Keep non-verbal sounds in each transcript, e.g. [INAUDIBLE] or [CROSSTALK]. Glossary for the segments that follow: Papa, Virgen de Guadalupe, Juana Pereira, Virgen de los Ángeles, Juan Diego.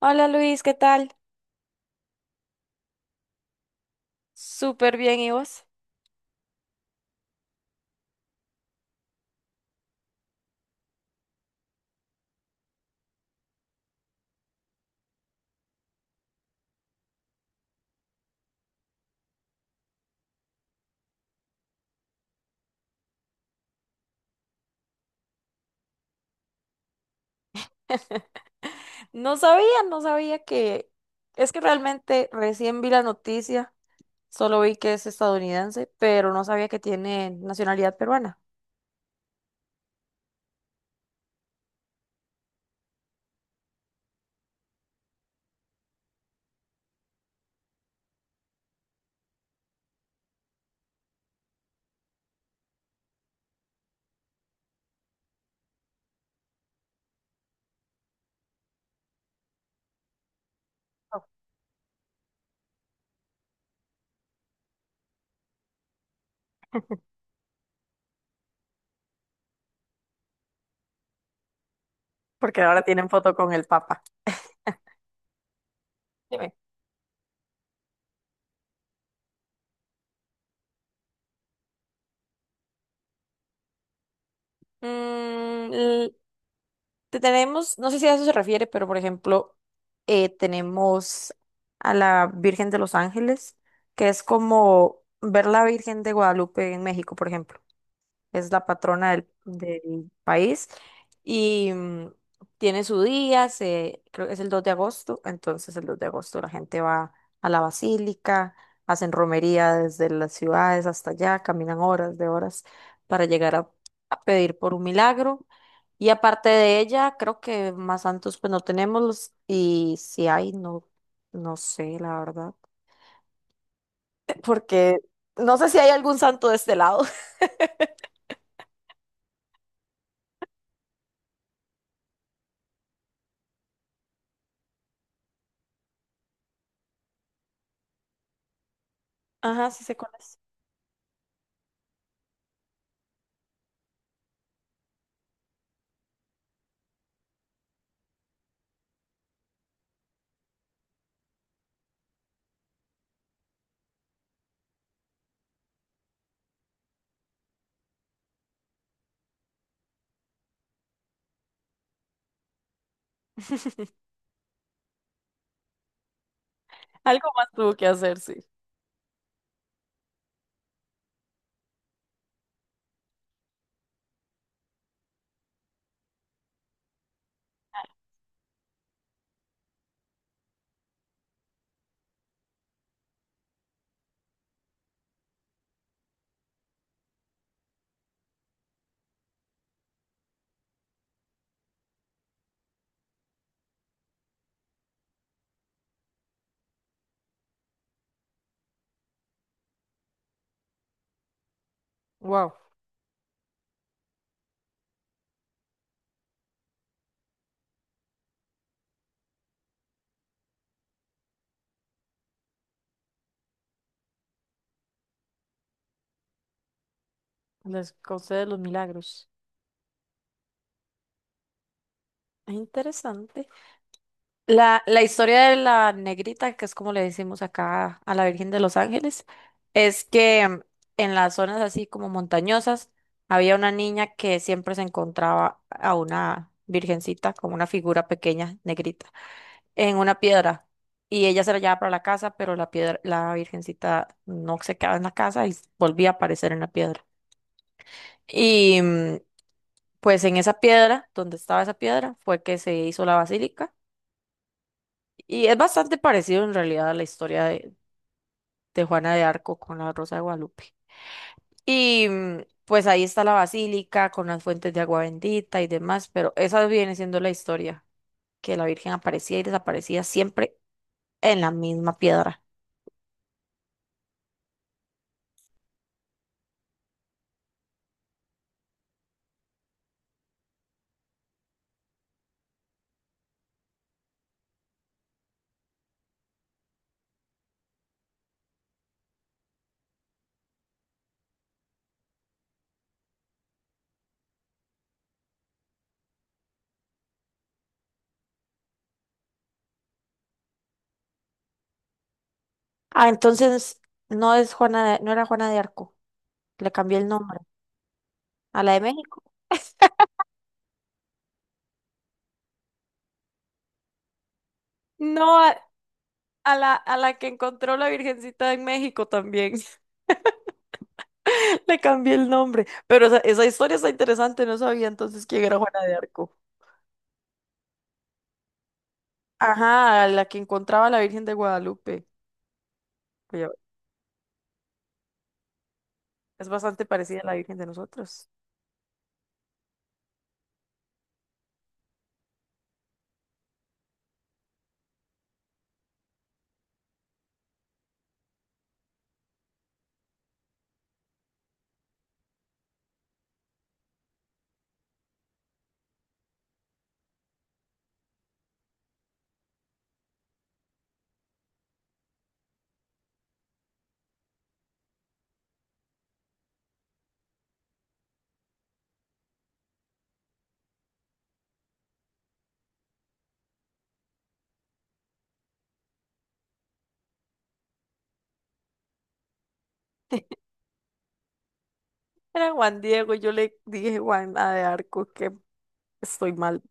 Hola Luis, ¿qué tal? Súper bien, ¿y vos? [LAUGHS] No sabía, no sabía que Es que realmente recién vi la noticia, solo vi que es estadounidense, pero no sabía que tiene nacionalidad peruana. Porque ahora tienen foto con el Papa. Dime. Mm, l- Te tenemos, no sé si a eso se refiere, pero por ejemplo, tenemos a la Virgen de los Ángeles, que es como ver la Virgen de Guadalupe en México, por ejemplo. Es la patrona del país y tiene su día, se, creo que es el 2 de agosto. Entonces el 2 de agosto la gente va a la basílica, hacen romería desde las ciudades hasta allá, caminan horas de horas para llegar a pedir por un milagro. Y aparte de ella, creo que más santos pues no tenemos, y si hay, no, no sé, la verdad, [LAUGHS] porque no sé si hay algún santo de este lado. [LAUGHS] Ajá, sí sé cuál es. Algo más tuvo que hacer, sí. Wow, les concede los milagros. Es interesante. La historia de la negrita, que es como le decimos acá a la Virgen de los Ángeles, es que en las zonas así como montañosas había una niña que siempre se encontraba a una virgencita, como una figura pequeña, negrita, en una piedra. Y ella se la llevaba para la casa, pero la piedra, la virgencita no se quedaba en la casa y volvía a aparecer en la piedra. y mm, Pues en esa piedra, donde estaba esa piedra, fue que se hizo la basílica. Y es bastante parecido en realidad a la historia de Juana de Arco con la Rosa de Guadalupe. Pues ahí está la basílica con las fuentes de agua bendita y demás, pero esa viene siendo la historia, que la Virgen aparecía y desaparecía siempre en la misma piedra. Ah, entonces no es Juana de- no era Juana de Arco, le cambié el nombre a la de México. [LAUGHS] No, a la que encontró la Virgencita en México también. [LAUGHS] [LAUGHS] Le cambié el nombre. Pero esa historia está interesante, no sabía entonces quién era Juana de Arco. Ajá, la que encontraba a la Virgen de Guadalupe. Oye, es bastante parecida a la Virgen de nosotros. Era Juan Diego, y yo le dije Juana de Arco, que estoy mal.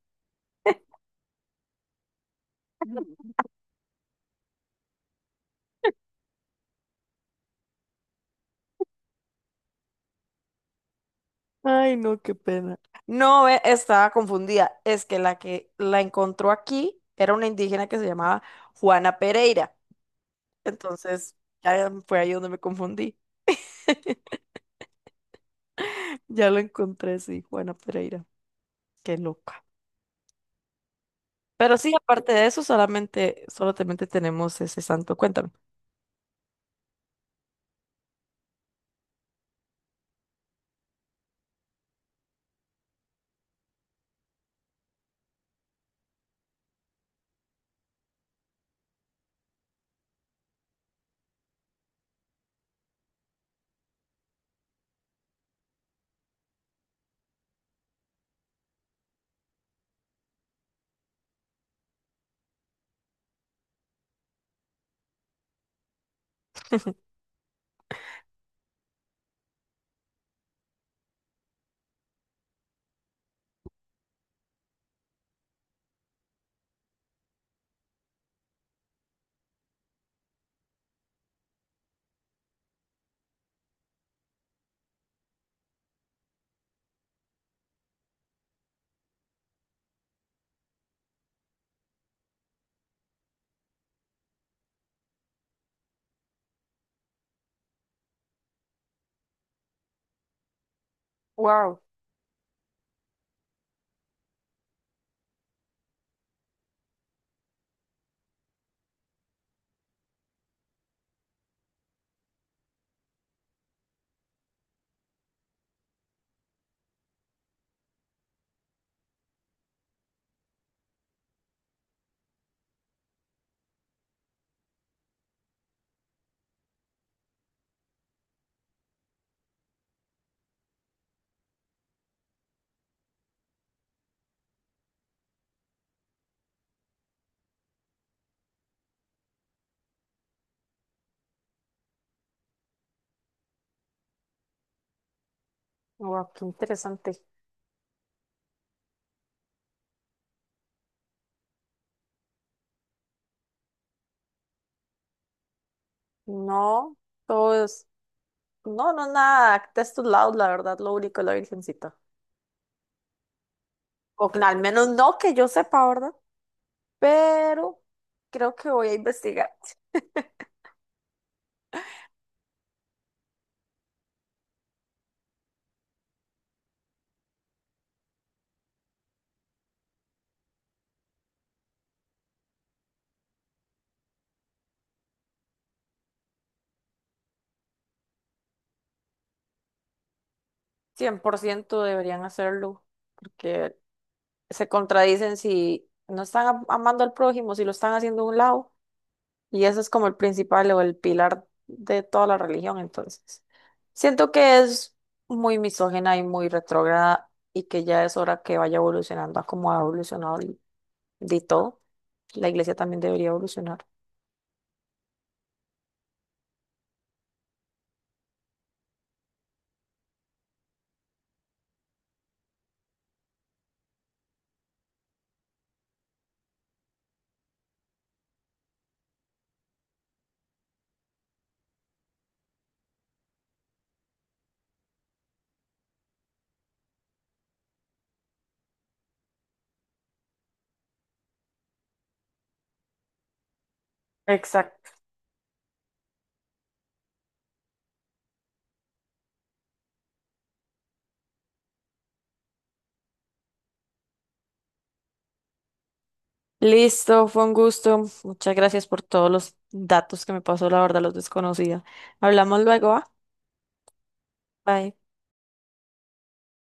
[LAUGHS] Ay, no, qué pena. No, ve, estaba confundida. Es que la encontró aquí era una indígena que se llamaba Juana Pereira. Entonces, ya fue ahí donde me confundí. [LAUGHS] Ya lo encontré, sí, Juana Pereira. Qué loca. Pero sí, aparte de eso, solamente tenemos ese santo. Cuéntame. Wow, wow, qué interesante. No, todo es, no, no, nada, textos lados, la verdad, lo único es la Virgencita. O que al menos no que yo sepa, ¿verdad? Pero creo que voy a investigar. 100% deberían hacerlo, porque se contradicen si no están am- amando al prójimo, si lo están haciendo a un lado. Y eso es como el principal o el pilar de toda la religión, entonces. Siento que es muy misógena y muy retrógrada y que ya es hora que vaya evolucionando a como ha evolucionado el- de todo. La iglesia también debería evolucionar. Exacto. Listo, fue un gusto. Muchas gracias por todos los datos que me pasó, la verdad los desconocía. Hablamos luego, ¿va? Bye.